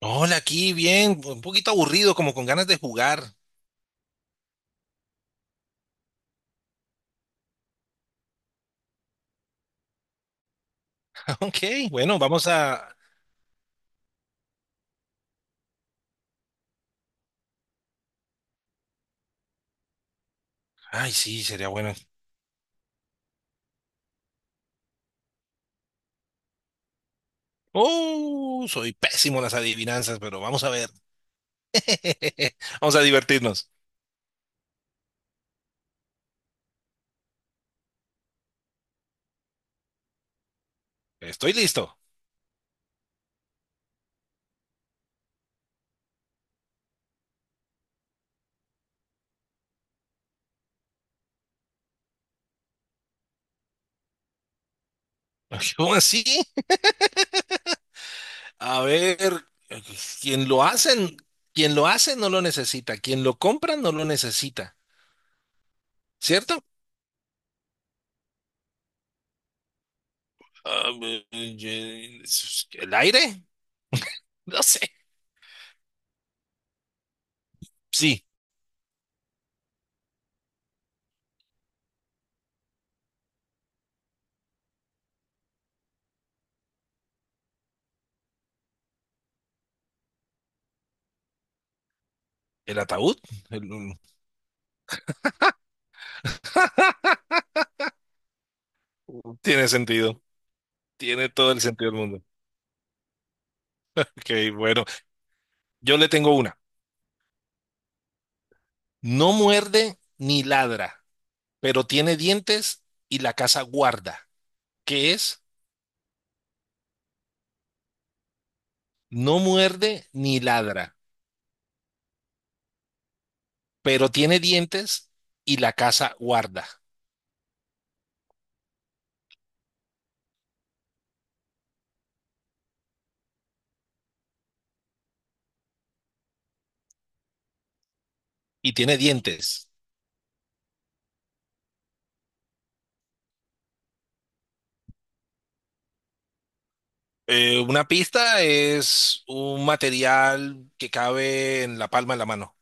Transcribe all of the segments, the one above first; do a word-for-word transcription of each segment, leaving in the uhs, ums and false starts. Hola, aquí bien, un poquito aburrido, como con ganas de jugar. Ok, bueno, vamos a... Ay, sí, sería bueno. Oh, soy pésimo en las adivinanzas, pero vamos a ver. Vamos a divertirnos. Estoy listo. ¿Cómo así? A ver, quien lo hacen, quien lo hace no lo necesita, quien lo compra no lo necesita, ¿cierto? Ah, eh, eh, ¿El aire? No sé. Sí, el ataúd. El- Tiene sentido. Tiene todo el sentido del mundo. Ok, bueno, yo le tengo una. No muerde ni ladra, pero tiene dientes y la casa guarda. ¿Qué es? No muerde ni ladra, pero tiene dientes y la casa guarda. Y tiene dientes. Eh, una pista es un material que cabe en la palma de la mano.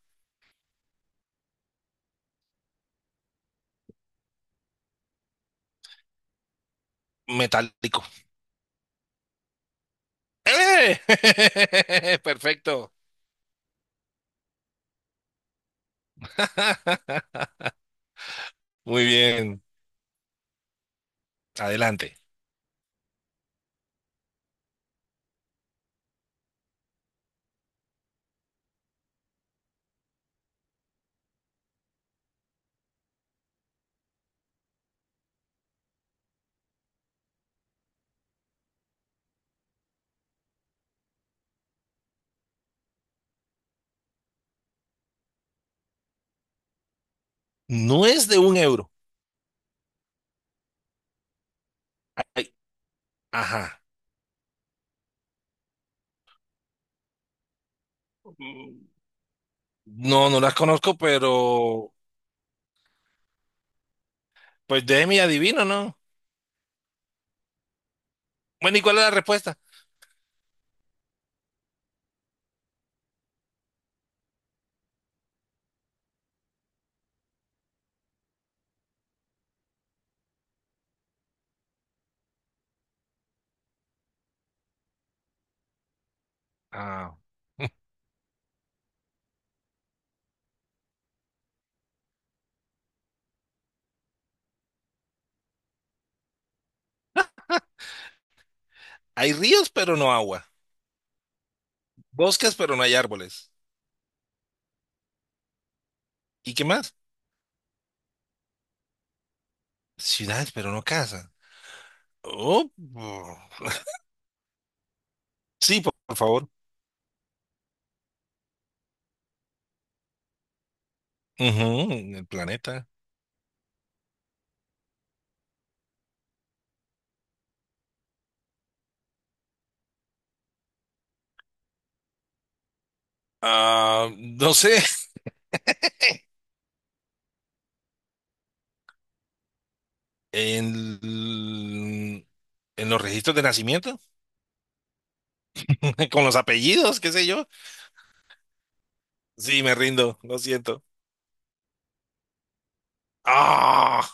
Metálico. ¡Eh! Perfecto. Muy bien. Adelante. No es de un euro. Ay, ajá. Mm, no, no las conozco, pero pues déjeme y adivino, ¿no? Bueno, ¿y cuál es la respuesta? Ah. Hay ríos, pero no agua. Bosques, pero no hay árboles. ¿Y qué más? Ciudades, pero no casas. Oh, oh. Sí, por, por favor. Ujú, en el planeta. Ah, no sé. En, l- en los registros de nacimiento, con los apellidos, qué sé yo. Sí, me rindo, lo siento. Ah.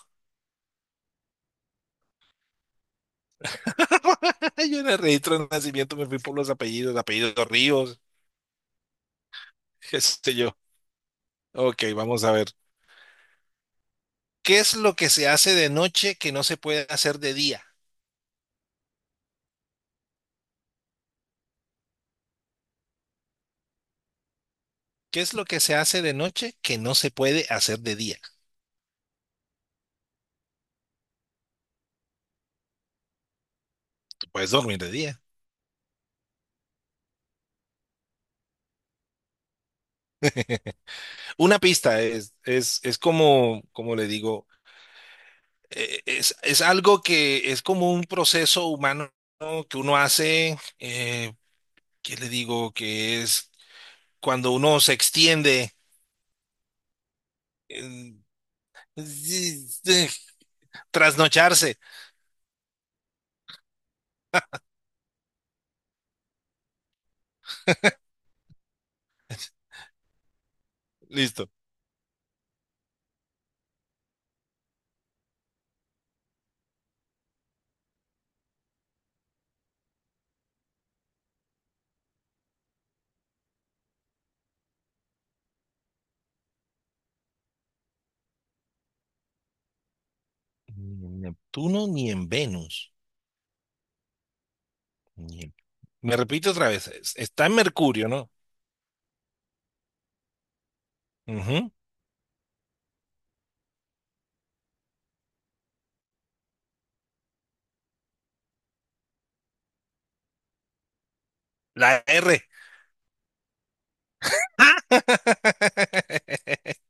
Ay, yo en el registro de nacimiento me fui por los apellidos, apellidos Ríos, qué sé yo. Ok, vamos a ver. ¿Qué es lo que se hace de noche que no se puede hacer de día? ¿Qué es lo que se hace de noche que no se puede hacer de día? Tú puedes dormir de día. Una pista es, es, es como, como le digo, eh, es, es algo que es como un proceso humano que uno hace, eh, ¿qué le digo? Que es cuando uno se extiende, eh, trasnocharse. Listo. Ni en Neptuno ni en Venus. Ni en- Me repito otra vez. es- Está en Mercurio, ¿no? Ujú. La R.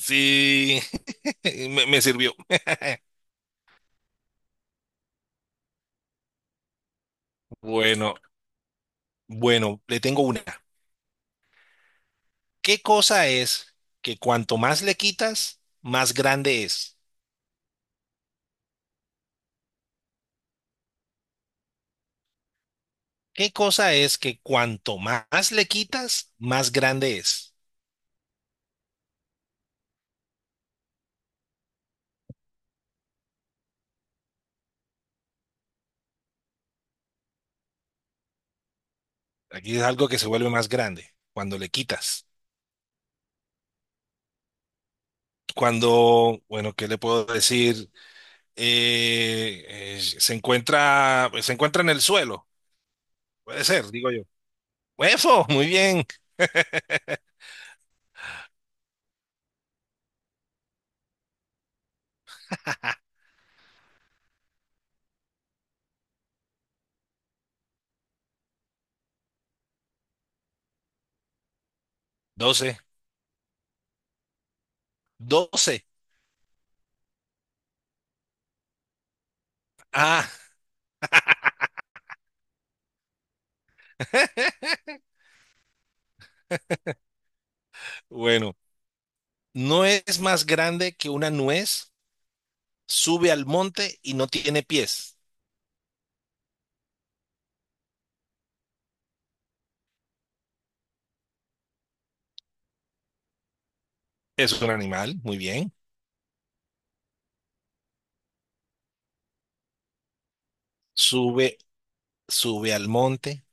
Sí, me, me sirvió. Bueno, bueno, le tengo una. ¿Qué cosa es que cuanto más le quitas, más grande es? ¿Qué cosa es que cuanto más le quitas, más grande es? Aquí es algo que se vuelve más grande cuando le quitas. Cuando, bueno, ¿qué le puedo decir? Eh, eh, se encuentra, se encuentra en el suelo, puede ser, digo yo. Huefo, muy bien. Doce. Doce. Ah, bueno, no es más grande que una nuez, sube al monte y no tiene pies. Es un animal, muy bien. Sube, sube al monte.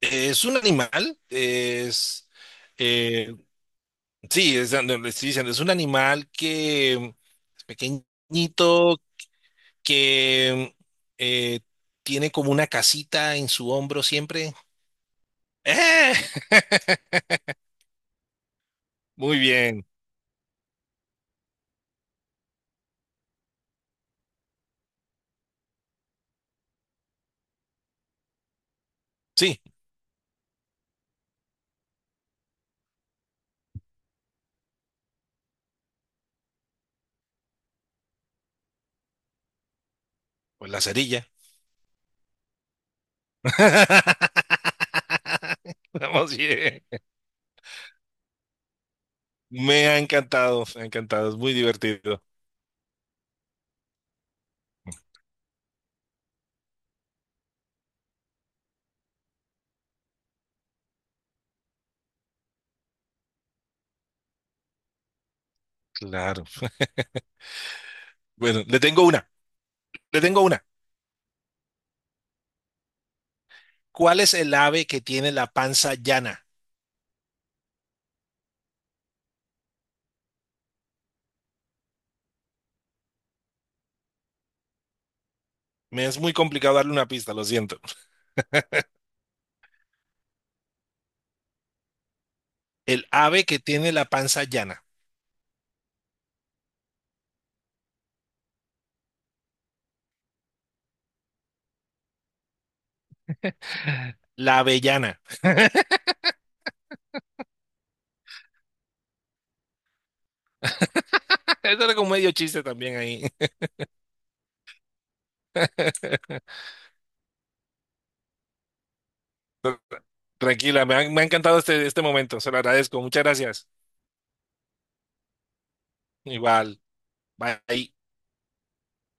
Es un animal, es, eh, sí, es, donde le estoy diciendo, es un animal que es pequeñito, que eh, tiene como una casita en su hombro siempre. ¡Eh! Muy bien. Sí, pues la cerilla. Vamos bien. Me ha encantado, me ha encantado, es muy divertido. Claro. Bueno, le tengo una, le tengo una. ¿Cuál es el ave que tiene la panza llana? Me es muy complicado darle una pista, lo siento. El ave que tiene la panza llana. La avellana. Eso era como medio chiste también ahí. Tranquila, me ha, me ha encantado este, este momento. Se lo agradezco. Muchas gracias. Igual. Bye.